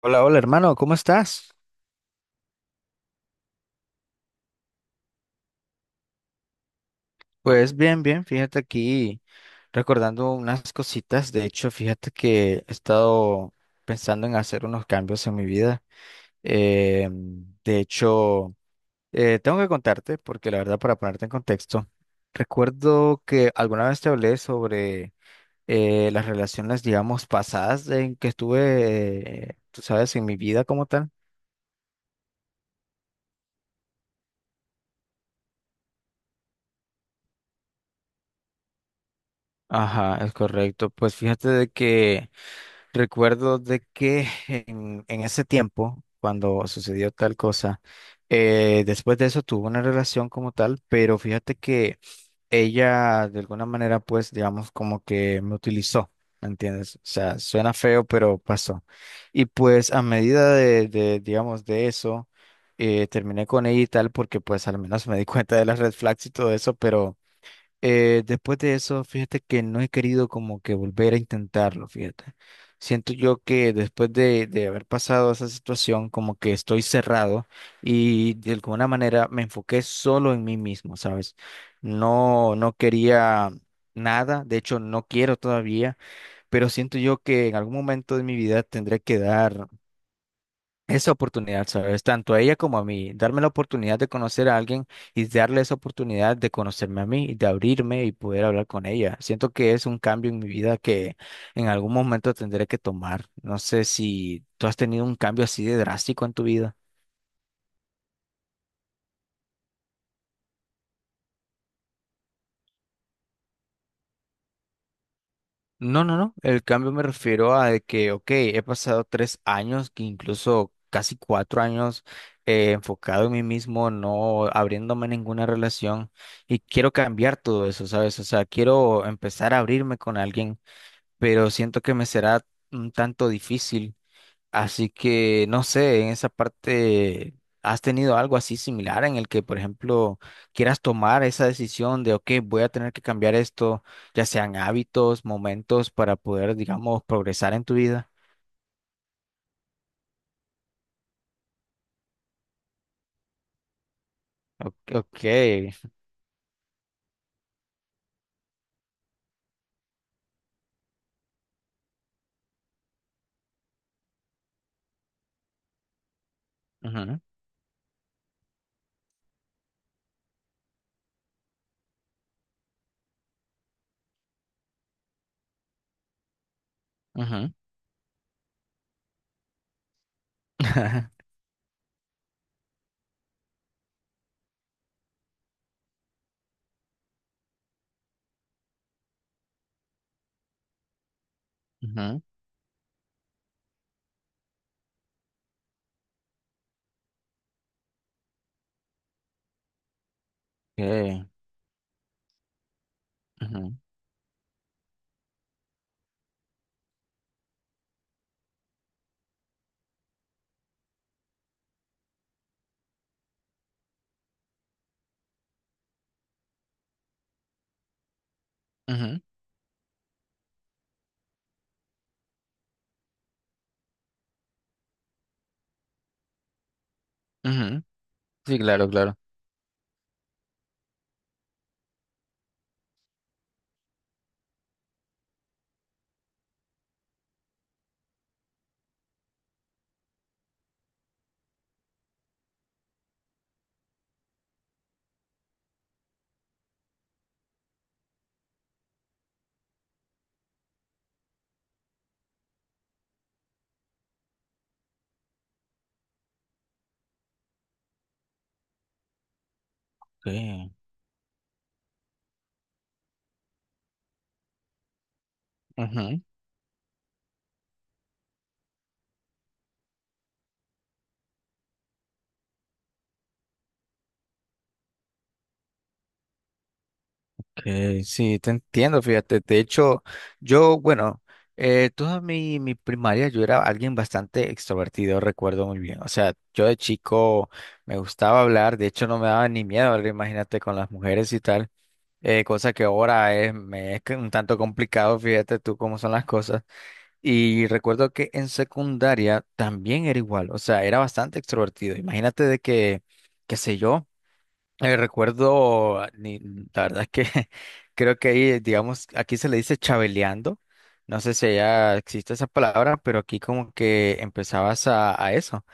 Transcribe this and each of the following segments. Hola, hola hermano, ¿cómo estás? Pues bien, bien, fíjate aquí recordando unas cositas. De hecho, fíjate que he estado pensando en hacer unos cambios en mi vida. Eh, de hecho, tengo que contarte, porque la verdad, para ponerte en contexto, recuerdo que alguna vez te hablé sobre las relaciones, digamos, pasadas en que estuve, tú sabes, en mi vida como tal. Ajá, es correcto. Pues fíjate de que. Recuerdo de que en ese tiempo, cuando sucedió tal cosa, después de eso tuvo una relación como tal, pero fíjate que ella de alguna manera, pues, digamos, como que me utilizó, ¿me entiendes? O sea, suena feo, pero pasó. Y pues a medida de, digamos, de eso, terminé con ella y tal, porque pues al menos me di cuenta de las red flags y todo eso, pero. Después de eso, fíjate que no he querido como que volver a intentarlo, fíjate. Siento yo que después de haber pasado esa situación, como que estoy cerrado y de alguna manera me enfoqué solo en mí mismo, ¿sabes? No, no quería nada, de hecho no quiero todavía, pero siento yo que en algún momento de mi vida tendré que dar esa oportunidad, ¿sabes? Tanto a ella como a mí, darme la oportunidad de conocer a alguien y darle esa oportunidad de conocerme a mí y de abrirme y poder hablar con ella. Siento que es un cambio en mi vida que en algún momento tendré que tomar. No sé si tú has tenido un cambio así de drástico en tu vida. No, no, no. El cambio me refiero a de que, ok, he pasado 3 años, que incluso casi 4 años enfocado en mí mismo, no abriéndome a ninguna relación y quiero cambiar todo eso, ¿sabes? O sea, quiero empezar a abrirme con alguien, pero siento que me será un tanto difícil. Así que, no sé, en esa parte, ¿has tenido algo así similar en el que, por ejemplo, quieras tomar esa decisión de, ok, voy a tener que cambiar esto, ya sean hábitos, momentos, para poder, digamos, progresar en tu vida? Ok. Ok. Ujú. Ujú. Ujú. Ok. Ujú. Ujú. Ujú. Sí, claro, claro. Ok. Ujú. Sí, te entiendo, fíjate. De hecho, yo, bueno, toda mi primaria yo era alguien bastante extrovertido, recuerdo muy bien. O sea, yo de chico me gustaba hablar, de hecho no me daba ni miedo hablar, imagínate, con las mujeres y tal. Cosa que ahora es, me es que un tanto complicado, fíjate tú cómo son las cosas. Y recuerdo que en secundaria también era igual, o sea, era bastante extrovertido. Imagínate de que, qué sé yo. Recuerdo, la verdad es que creo que ahí, digamos, aquí se le dice chabeleando. No sé si allá existe esa palabra, pero aquí como que empezabas a eso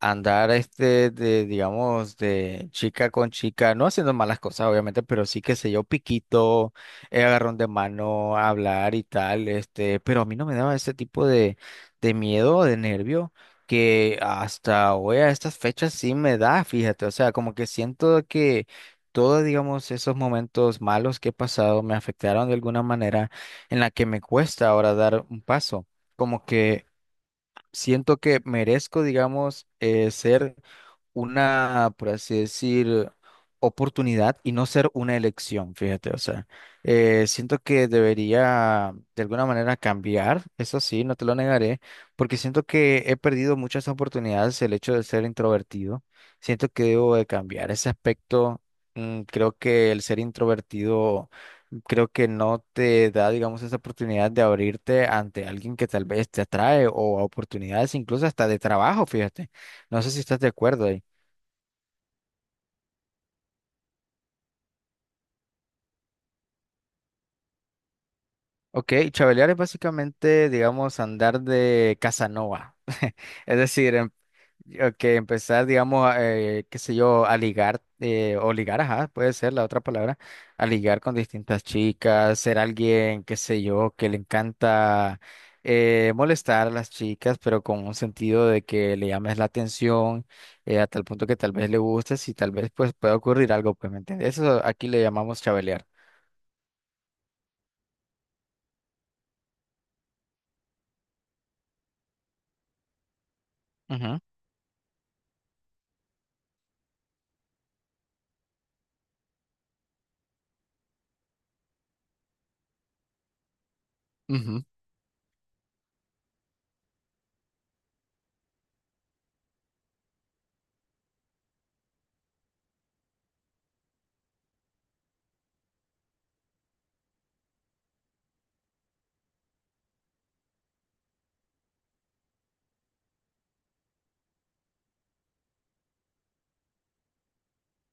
andar este de, digamos, de chica con chica, no haciendo malas cosas, obviamente, pero sí que sé yo, piquito, agarrón de mano, hablar y tal, este, pero a mí no me daba ese tipo de miedo, de nervio, que hasta hoy a estas fechas sí me da, fíjate, o sea, como que siento que todos, digamos, esos momentos malos que he pasado me afectaron de alguna manera en la que me cuesta ahora dar un paso. Como que siento que merezco, digamos, ser una, por así decir, oportunidad y no ser una elección, fíjate, o sea, siento que debería de alguna manera cambiar, eso sí, no te lo negaré, porque siento que he perdido muchas oportunidades el hecho de ser introvertido, siento que debo de cambiar ese aspecto, creo que el ser introvertido creo que no te da, digamos, esa oportunidad de abrirte ante alguien que tal vez te atrae o a oportunidades incluso hasta de trabajo, fíjate. No sé si estás de acuerdo ahí. Ok, chavalear es básicamente, digamos, andar de Casanova. Es decir, que empezar, digamos, qué sé yo, a ligar, o ligar, ajá, puede ser la otra palabra, a ligar con distintas chicas, ser alguien, qué sé yo, que le encanta molestar a las chicas, pero con un sentido de que le llames la atención, a tal punto que tal vez le gustes y tal vez pues pueda ocurrir algo, pues, ¿me entiendes? Eso aquí le llamamos chabelear. Ujú. Ujú.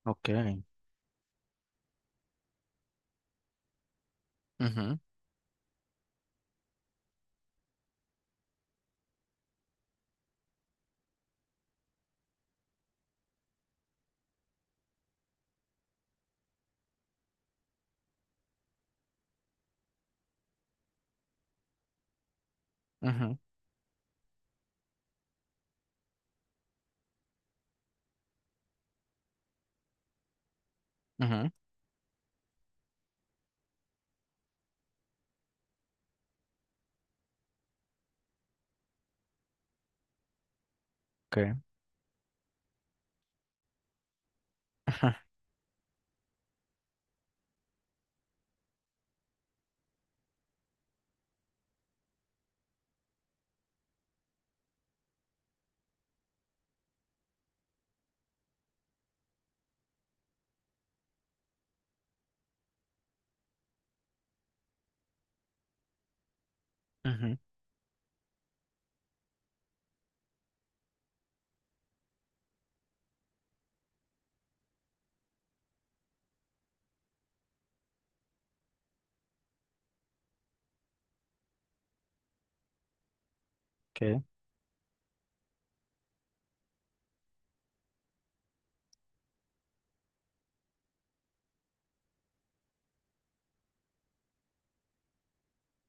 Ok. Ujú. Ujú. Ujú. Ok. Ujú. Ok.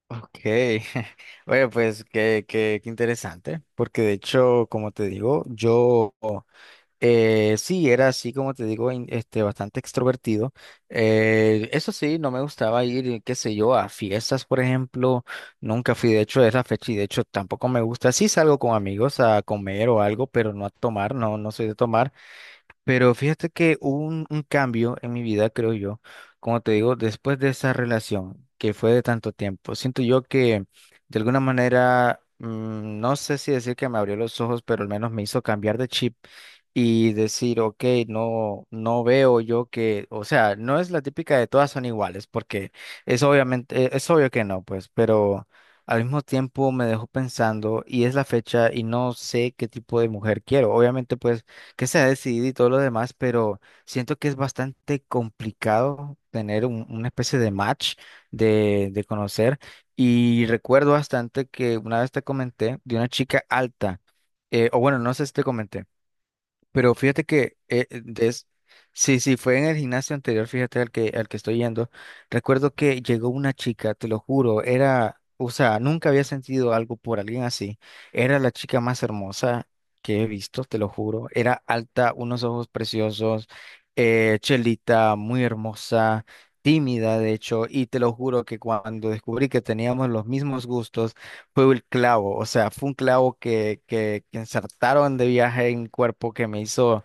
Ok. Oye, pues qué interesante, porque de hecho, como te digo, yo sí era así, como te digo, este, bastante extrovertido. Eso sí, no me gustaba ir, qué sé yo, a fiestas, por ejemplo. Nunca fui, de hecho, a esa fecha y de hecho tampoco me gusta. Sí salgo con amigos a comer o algo, pero no a tomar, no, no soy de tomar. Pero fíjate que hubo un cambio en mi vida, creo yo, como te digo, después de esa relación que fue de tanto tiempo. Siento yo que de alguna manera, no sé si decir que me abrió los ojos, pero al menos me hizo cambiar de chip y decir, ok, no, no veo yo que, o sea, no es la típica de todas son iguales, porque es obviamente, es obvio que no, pues, pero al mismo tiempo me dejó pensando y es la fecha y no sé qué tipo de mujer quiero. Obviamente, pues que se ha decidido y todo lo demás, pero siento que es bastante complicado tener una especie de match de conocer. Y recuerdo bastante que una vez te comenté de una chica alta, o bueno, no sé si te comenté. Pero fíjate que sí, sí, fue en el gimnasio anterior, fíjate al que, estoy yendo. Recuerdo que llegó una chica, te lo juro, era, o sea, nunca había sentido algo por alguien así. Era la chica más hermosa que he visto, te lo juro. Era alta, unos ojos preciosos, chelita, muy hermosa, tímida, de hecho, y te lo juro que cuando descubrí que teníamos los mismos gustos, fue el clavo, o sea, fue un clavo que insertaron de viaje en mi cuerpo que me hizo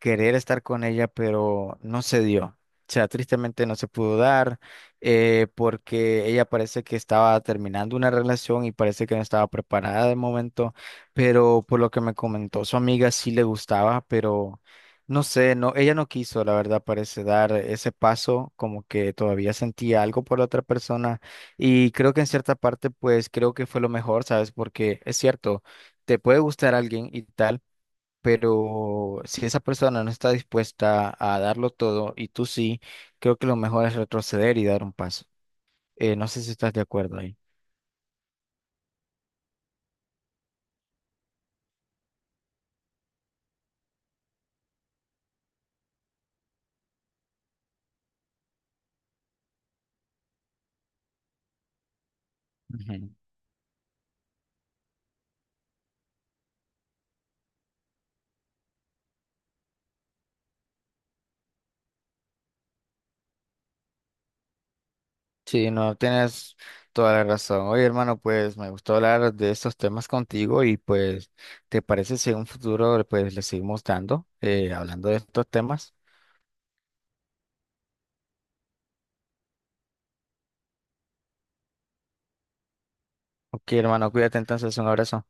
querer estar con ella, pero no se dio. O sea, tristemente no se pudo dar porque ella parece que estaba terminando una relación y parece que no estaba preparada de momento, pero por lo que me comentó su amiga sí le gustaba, pero no sé, no, ella no quiso, la verdad, parece dar ese paso, como que todavía sentía algo por la otra persona y creo que en cierta parte pues creo que fue lo mejor, ¿sabes? Porque es cierto, te puede gustar alguien y tal pero si esa persona no está dispuesta a darlo todo y tú sí, creo que lo mejor es retroceder y dar un paso. No sé si estás de acuerdo ahí. Ujú. Sí, no, tienes toda la razón. Oye, hermano, pues me gustó hablar de estos temas contigo y pues, ¿te parece si en un futuro pues le seguimos dando, hablando de estos temas? Ok, hermano, cuídate entonces, un abrazo.